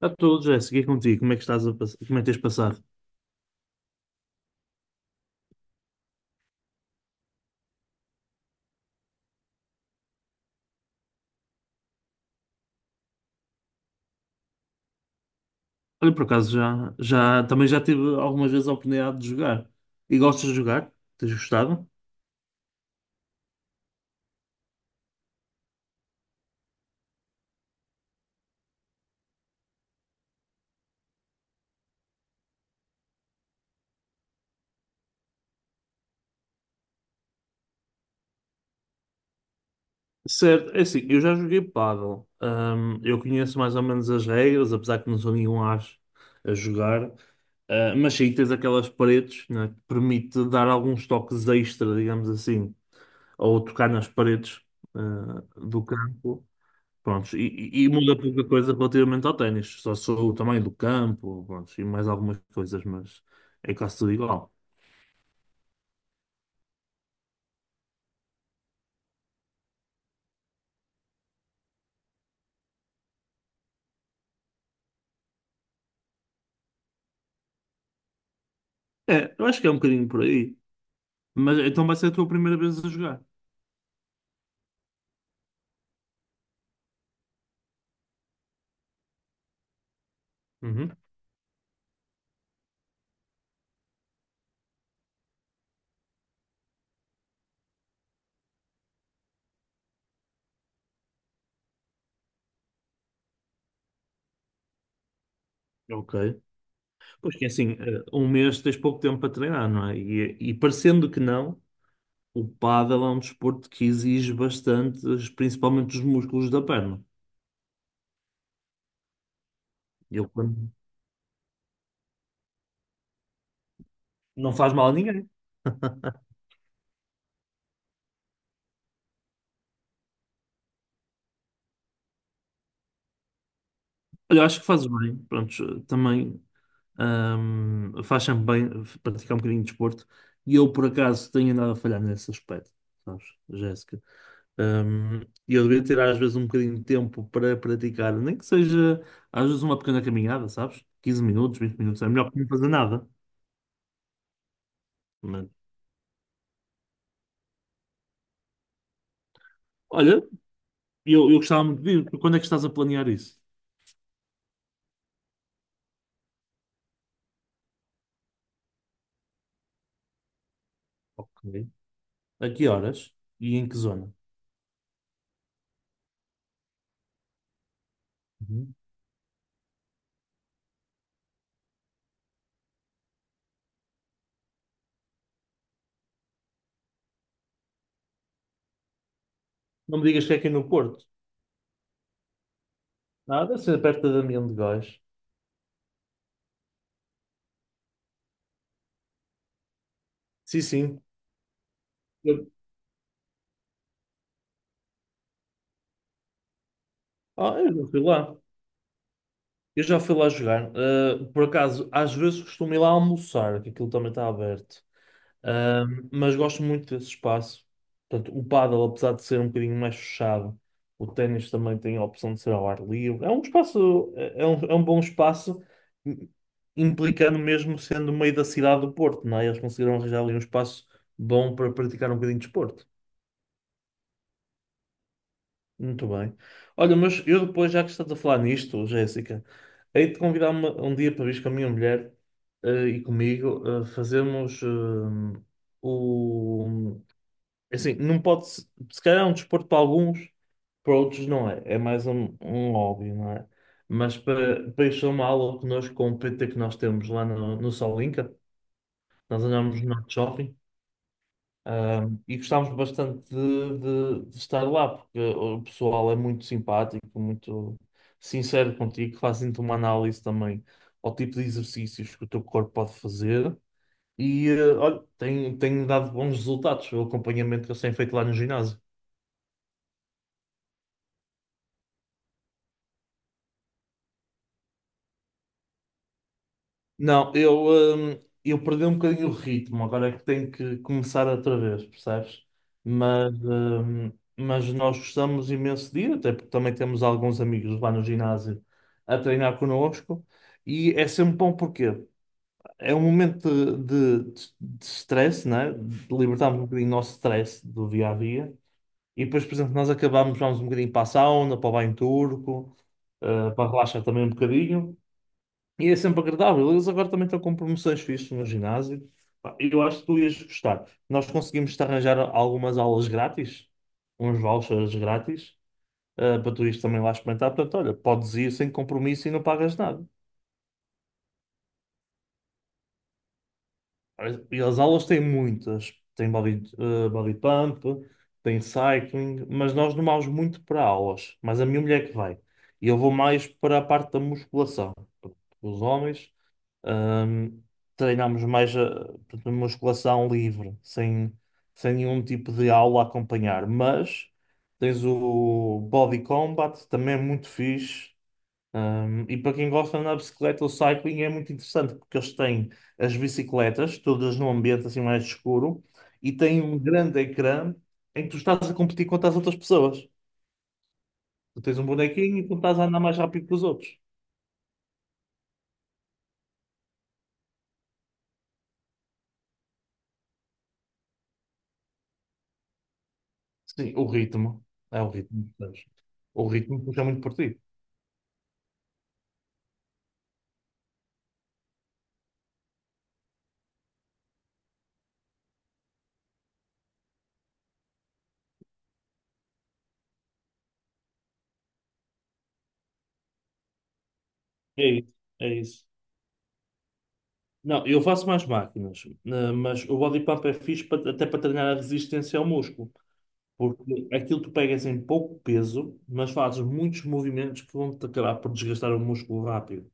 A todos, Jéssica, e contigo, como é que estás como é que tens passado? Olha, por acaso já, também já tive algumas vezes a oportunidade de jogar. E gostas de jogar? Tens gostado? Certo, é assim, eu já joguei pádel. Eu conheço mais ou menos as regras, apesar que não sou nenhum as a jogar. Ah, mas sim, tens aquelas paredes, né, que permite dar alguns toques extra, digamos assim, ou tocar nas paredes, ah, do campo. Prontos, e muda pouca coisa relativamente ao ténis, só sou o tamanho do campo, prontos, e mais algumas coisas, mas é quase tudo igual. É, eu acho que é um bocadinho por aí, mas então vai ser a tua primeira vez a jogar. Uhum. Ok. Pois que é assim, um mês tens pouco tempo para treinar, não é? E parecendo que não, o pádel é um desporto que exige bastante, principalmente os músculos da perna. E eu, não faz mal a ninguém. Olha, acho que faz bem, pronto também. Faz sempre bem praticar um bocadinho de desporto. E eu, por acaso, tenho andado a falhar nesse aspecto, sabes, Jéssica? Ahm, E eu devia ter, às vezes, um bocadinho de tempo para praticar, nem que seja, às vezes, uma pequena caminhada, sabes? Quinze minutos, vinte minutos, é melhor que não fazer nada. Mas, olha, eu gostava muito de vir. Quando é que estás a planear isso? Ok. A que horas e em que zona? Uhum. Não me digas que é aqui no Porto. Ah, deve ser perto da Damião de Góis. Sim, sim. Eu- Ah, eu não fui lá. Eu já fui lá jogar. Por acaso, às vezes costumo ir lá almoçar, que aquilo também está aberto. Mas gosto muito desse espaço. Portanto, o pádel, apesar de ser um bocadinho mais fechado, o ténis também tem a opção de ser ao ar livre. É um espaço, é um bom espaço, im- implicando mesmo sendo no meio da cidade do Porto, não é? Eles conseguiram arranjar ali um espaço bom para praticar um bocadinho de desporto. Muito bem. Olha, mas eu depois, já que estás a falar nisto, Jéssica, hei de convidar uma, um dia para vir com a minha mulher e comigo fazermos o. Assim, não pode. Se calhar é um desporto para alguns, para outros não é. É mais um, um hobby, não é? Mas para, para isso, é uma aula connosco com o PT que nós temos lá no Solinca, nós andamos no Norte Shopping. Um, e gostámos bastante de, de estar lá, porque o pessoal é muito simpático, muito sincero contigo, fazem-te uma análise também ao tipo de exercícios que o teu corpo pode fazer. E olha, tem, tem dado bons resultados o acompanhamento que eles têm feito lá no ginásio. Não, eu perdi um bocadinho o ritmo, agora é que tenho que começar outra vez, percebes? Mas, hum, mas nós gostamos imenso de ir, até porque também temos alguns amigos lá no ginásio a treinar connosco, e é sempre bom porque é um momento de stress, né? De libertarmos um bocadinho o nosso stress do dia a dia, e depois, por exemplo, nós acabamos, vamos um bocadinho para a sauna, para o banho turco, para relaxar também um bocadinho. E é sempre agradável. Eles agora também estão com promoções fixas no ginásio. Pá, eu acho que tu ias gostar. Nós conseguimos-te arranjar algumas aulas grátis, uns vouchers grátis, para tu ires também lá experimentar. Portanto, olha, podes ir sem compromisso e não pagas nada. E as aulas têm muitas. Tem body, body pump, tem cycling, mas nós não vamos muito para aulas. Mas a minha mulher que vai. E eu vou mais para a parte da musculação. Os homens Ahm, treinamos mais a, portanto, musculação livre, sem nenhum tipo de aula a acompanhar. Mas tens o body combat, também é muito fixe. E para quem gosta de andar de bicicleta, o cycling é muito interessante, porque eles têm as bicicletas, todas num ambiente assim mais escuro, e têm um grande ecrã em que tu estás a competir contra as outras pessoas. Tu tens um bonequinho e tu estás a andar mais rápido que os outros. Sim, o ritmo. É o ritmo. Sabes? O ritmo puxa muito por ti. É isso, é isso. Não, eu faço mais máquinas, né, mas o body pump é fixe até para treinar a resistência ao músculo, porque aquilo tu pegas em pouco peso, mas fazes muitos movimentos que vão-te acabar por desgastar o músculo rápido.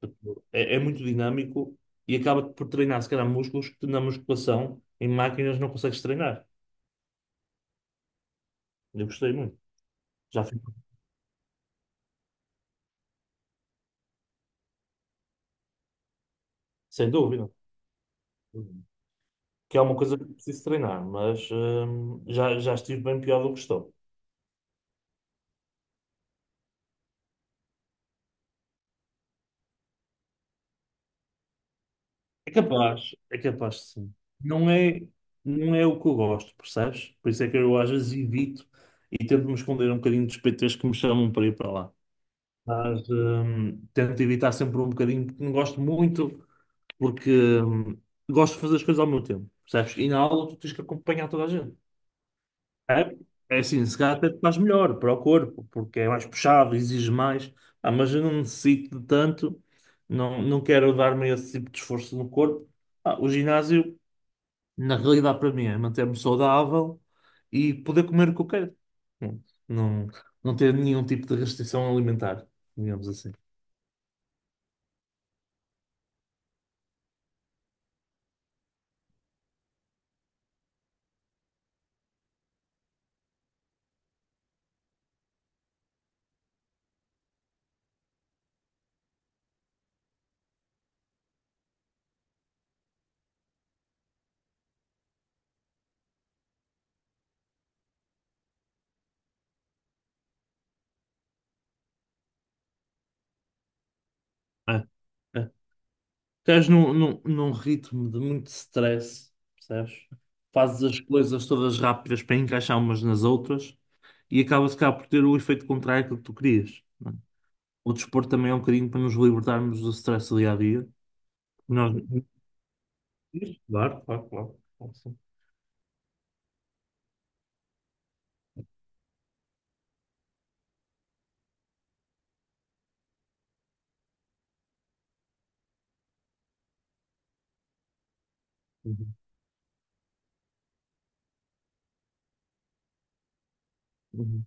Tipo, é, é muito dinâmico e acaba por treinar, se calhar, músculos que na musculação, em máquinas, não consegues treinar. Eu gostei muito, já fico, sem dúvida. Que é uma coisa que preciso treinar, mas já estive bem pior do que estou. É capaz de sim. Não é, não é o que eu gosto, percebes? Por isso é que eu às vezes evito e tento me esconder um bocadinho dos PTs que me chamam para ir para lá. Mas tento evitar sempre um bocadinho, porque não gosto muito, porque hum, gosto de fazer as coisas ao meu tempo, percebes? E na aula tu tens que acompanhar toda a gente. É, é assim, se calhar até te faz melhor para o corpo, porque é mais puxado, exige mais, ah, mas eu não necessito de tanto, não, não quero dar-me esse tipo de esforço no corpo. Ah, o ginásio. Na realidade, para mim, é manter-me saudável e poder comer o que eu quero. Pronto. Não, não ter nenhum tipo de restrição alimentar, digamos assim. É, é. Estás num ritmo de muito stress, percebes? Fazes as coisas todas rápidas para encaixar umas nas outras e acabas cá por ter o efeito contrário que tu querias. Não é? O desporto também é um bocadinho para nos libertarmos do stress do dia a dia. Nós... Claro, claro, claro. Claro que sim. Uhum, uhum.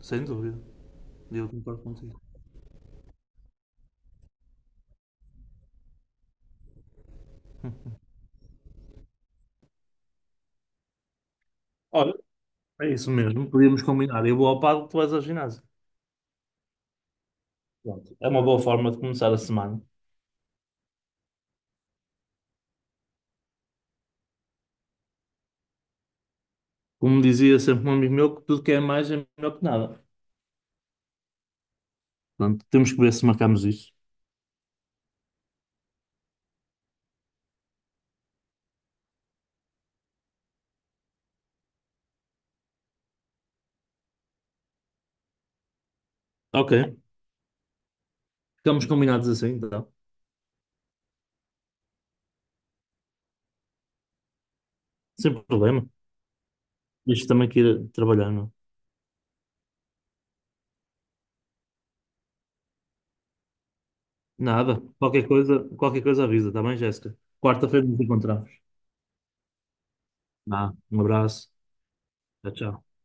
Sem dúvida. Eu concordo contigo. Olha, é isso mesmo, podíamos combinar. Eu vou ao pago, tu vais ao ginásio. Pronto. É uma boa forma de começar a semana. Como dizia sempre um amigo meu, que tudo que é mais é melhor que nada. Portanto, temos que ver se marcamos isso. Ok, ficamos combinados assim, então. Sem problema. Isto também que ir trabalhar, não? É? Nada. Qualquer coisa avisa, tá bem, Jéssica? Quarta-feira nos encontramos. Ah, um abraço. Tchau, tchau.